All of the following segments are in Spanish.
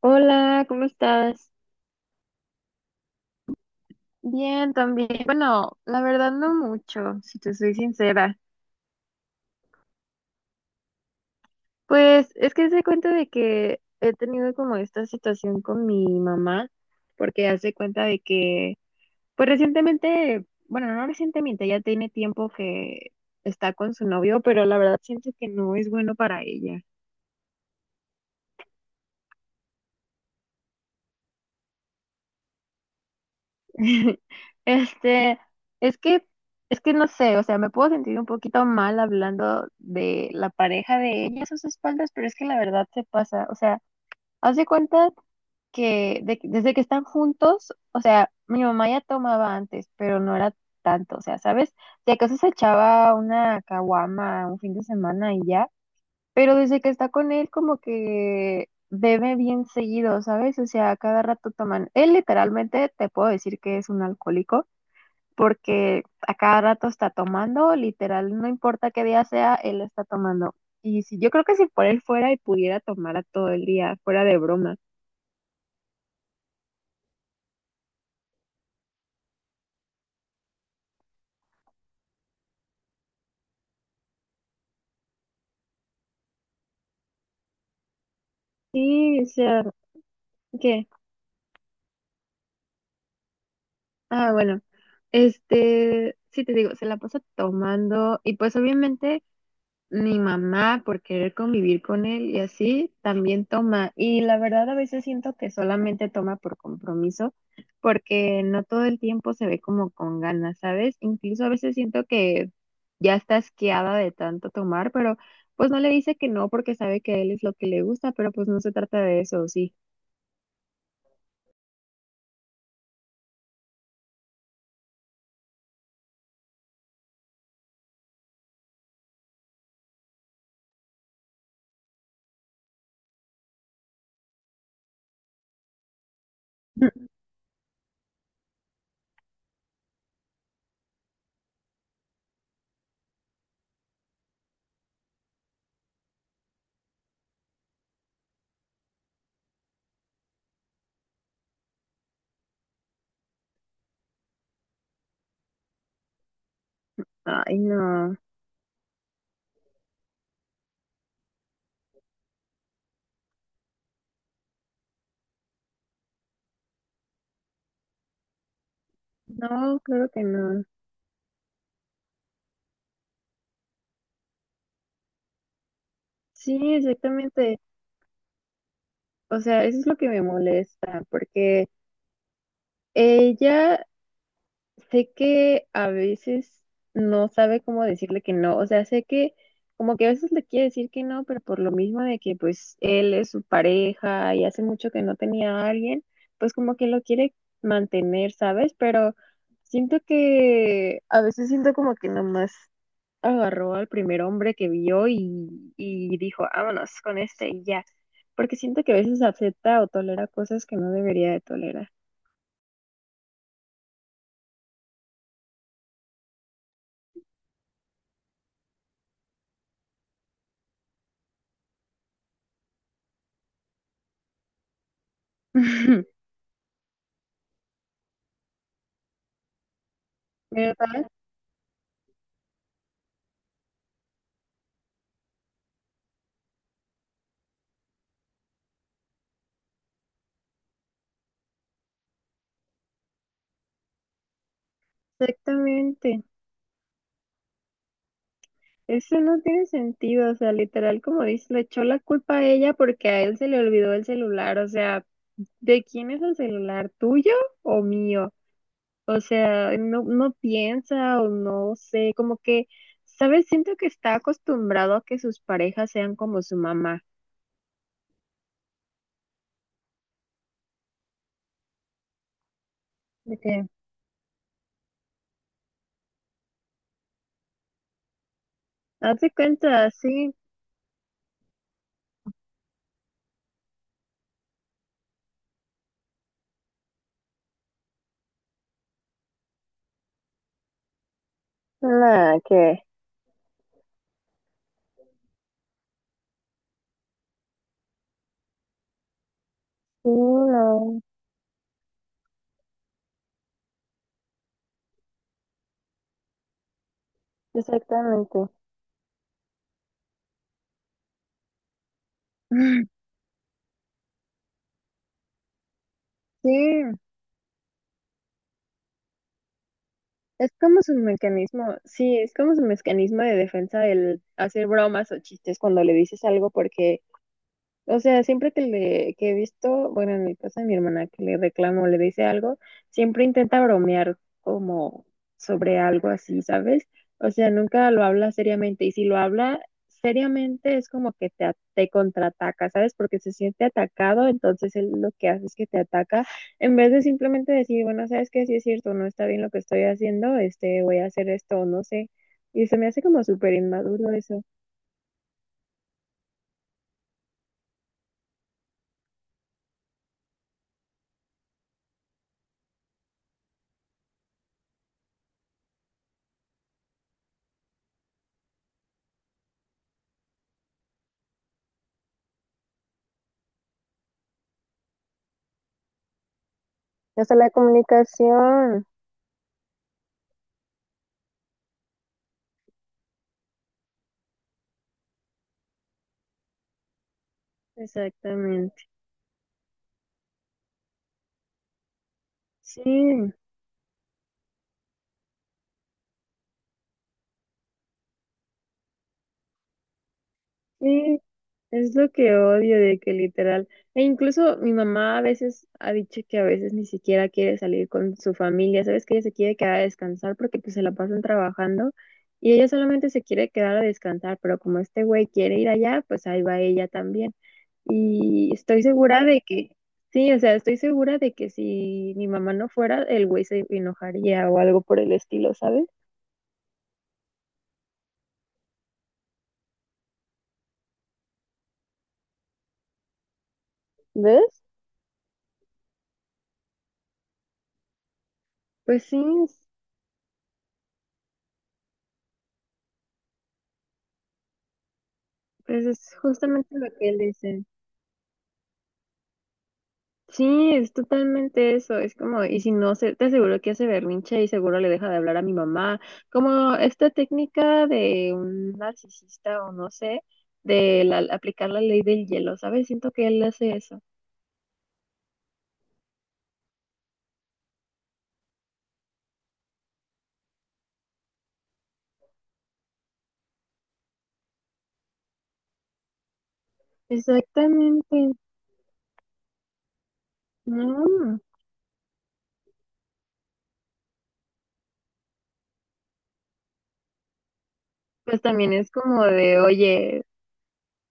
Hola, ¿cómo estás? Bien, también. Bueno, la verdad no mucho, si te soy sincera. Pues es que se cuenta de que he tenido como esta situación con mi mamá, porque hace cuenta de que, pues recientemente, bueno, no recientemente, ya tiene tiempo que está con su novio, pero la verdad siento que no es bueno para ella. Este, es que, es que no sé, o sea, me puedo sentir un poquito mal hablando de la pareja de ella a sus espaldas, pero es que la verdad se pasa, o sea, haz de cuenta que desde que están juntos, o sea, mi mamá ya tomaba antes, pero no era tanto, o sea, ¿sabes? Si acaso se echaba una caguama un fin de semana y ya, pero desde que está con él como que bebe bien seguido, ¿sabes? O sea, cada rato toman, él literalmente te puedo decir que es un alcohólico porque a cada rato está tomando, literal, no importa qué día sea, él está tomando. Y si, yo creo que si por él fuera y pudiera tomar a todo el día, fuera de broma. Sí, o sea, ¿qué? Ah, bueno, sí te digo, se la pasa tomando y pues obviamente mi mamá por querer convivir con él y así también toma. Y la verdad a veces siento que solamente toma por compromiso porque no todo el tiempo se ve como con ganas, ¿sabes? Incluso a veces siento que ya está asqueada de tanto tomar, pero pues no le dice que no porque sabe que a él es lo que le gusta, pero pues no se trata de eso, sí. Ay, no, no, claro que no. Sí, exactamente. O sea, eso es lo que me molesta, porque ella sé que a veces no sabe cómo decirle que no, o sea, sé que como que a veces le quiere decir que no, pero por lo mismo de que pues él es su pareja y hace mucho que no tenía a alguien, pues como que lo quiere mantener, ¿sabes? Pero siento que a veces siento como que nomás agarró al primer hombre que vio y dijo, vámonos con este y ya, porque siento que a veces acepta o tolera cosas que no debería de tolerar. Pero exactamente. Eso no tiene sentido, o sea, literal, como dice, le echó la culpa a ella porque a él se le olvidó el celular, o sea, ¿de quién es el celular? ¿Tuyo o mío? O sea, no, no piensa o no sé, como que, ¿sabes? Siento que está acostumbrado a que sus parejas sean como su mamá, ¿de qué? Hazte cuenta, sí, nada, que. Sí, no, exactamente. Sí, es como su mecanismo, sí, es como su mecanismo de defensa el hacer bromas o chistes cuando le dices algo porque o sea, siempre que he visto, bueno, en el caso de mi hermana que le reclamo, le dice algo, siempre intenta bromear como sobre algo así, ¿sabes? O sea, nunca lo habla seriamente y si lo habla seriamente es como que te, te contraataca, ¿sabes? Porque se siente atacado, entonces él lo que hace es que te ataca en vez de simplemente decir, bueno, ¿sabes qué? Sí es cierto, no está bien lo que estoy haciendo, voy a hacer esto, o no sé. Y se me hace como súper inmaduro eso. Hasta la comunicación. Exactamente. Sí, sí, es lo que odio de que literal, e incluso mi mamá a veces ha dicho que a veces ni siquiera quiere salir con su familia, sabes que ella se quiere quedar a descansar porque pues se la pasan trabajando y ella solamente se quiere quedar a descansar, pero como este güey quiere ir allá, pues ahí va ella también. Y estoy segura de que, sí, o sea, estoy segura de que si mi mamá no fuera, el güey se enojaría o algo por el estilo, ¿sabes? ¿Ves? Pues sí, pues es justamente lo que él dice. Sí, es totalmente eso. Es como, y si no, se, te aseguro que hace berrinche y seguro le deja de hablar a mi mamá. Como esta técnica de un narcisista o no sé, aplicar la ley del hielo, ¿sabes? Siento que él hace eso. Exactamente. No. Pues también es como de, oye,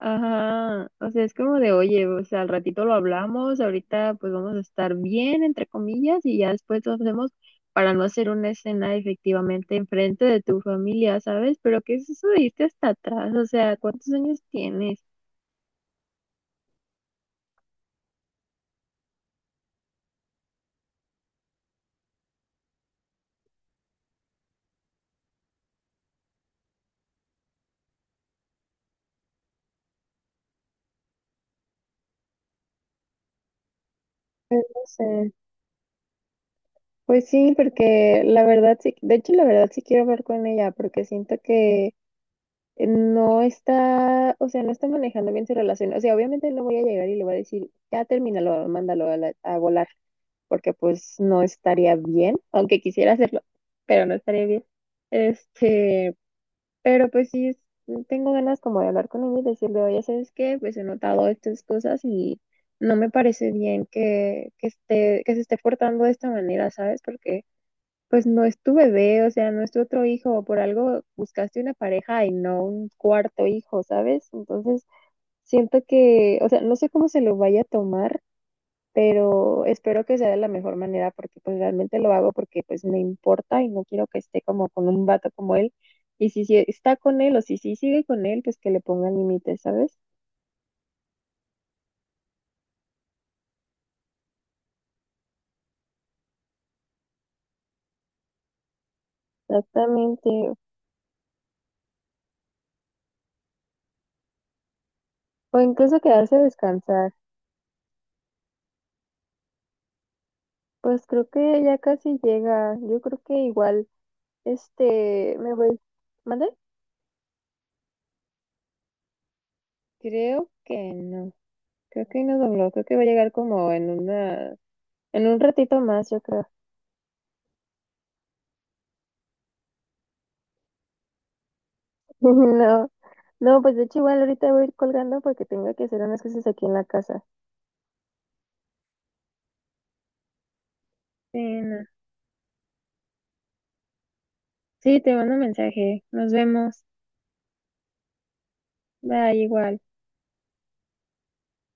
ajá, o sea, es como de, oye, o sea, al ratito lo hablamos, ahorita pues vamos a estar bien, entre comillas, y ya después lo hacemos para no hacer una escena efectivamente enfrente de tu familia, ¿sabes? Pero ¿qué es eso de irte hasta atrás? O sea, ¿cuántos años tienes? No sé. Pues sí, porque la verdad sí, de hecho la verdad sí quiero hablar con ella, porque siento que no está, o sea, no está manejando bien su relación. O sea, obviamente no voy a llegar y le voy a decir, ya termínalo, mándalo a, a volar. Porque pues no estaría bien, aunque quisiera hacerlo, pero no estaría bien. Este, pero pues sí, tengo ganas como de hablar con ella y decirle, oye, ¿sabes qué? Pues he notado estas cosas y no me parece bien que esté, que se esté portando de esta manera, ¿sabes? Porque pues no es tu bebé, o sea, no es tu otro hijo, por algo buscaste una pareja y no un cuarto hijo, ¿sabes? Entonces, siento que, o sea, no sé cómo se lo vaya a tomar pero espero que sea de la mejor manera porque pues realmente lo hago porque pues me importa y no quiero que esté como con un vato como él. Y si, si está con él o si, si sigue con él, pues que le pongan límites, ¿sabes? Exactamente. O incluso quedarse a descansar. Pues creo que ya casi llega. Yo creo que igual, me voy. ¿Mande? Creo que no, creo que no dobló, creo que va a llegar como en una, en un ratito más, yo creo. No. No, pues de hecho igual ahorita voy a ir colgando porque tengo que hacer unas cosas aquí en la casa. Sí no, sí, te mando un mensaje. Nos vemos. Bye, igual.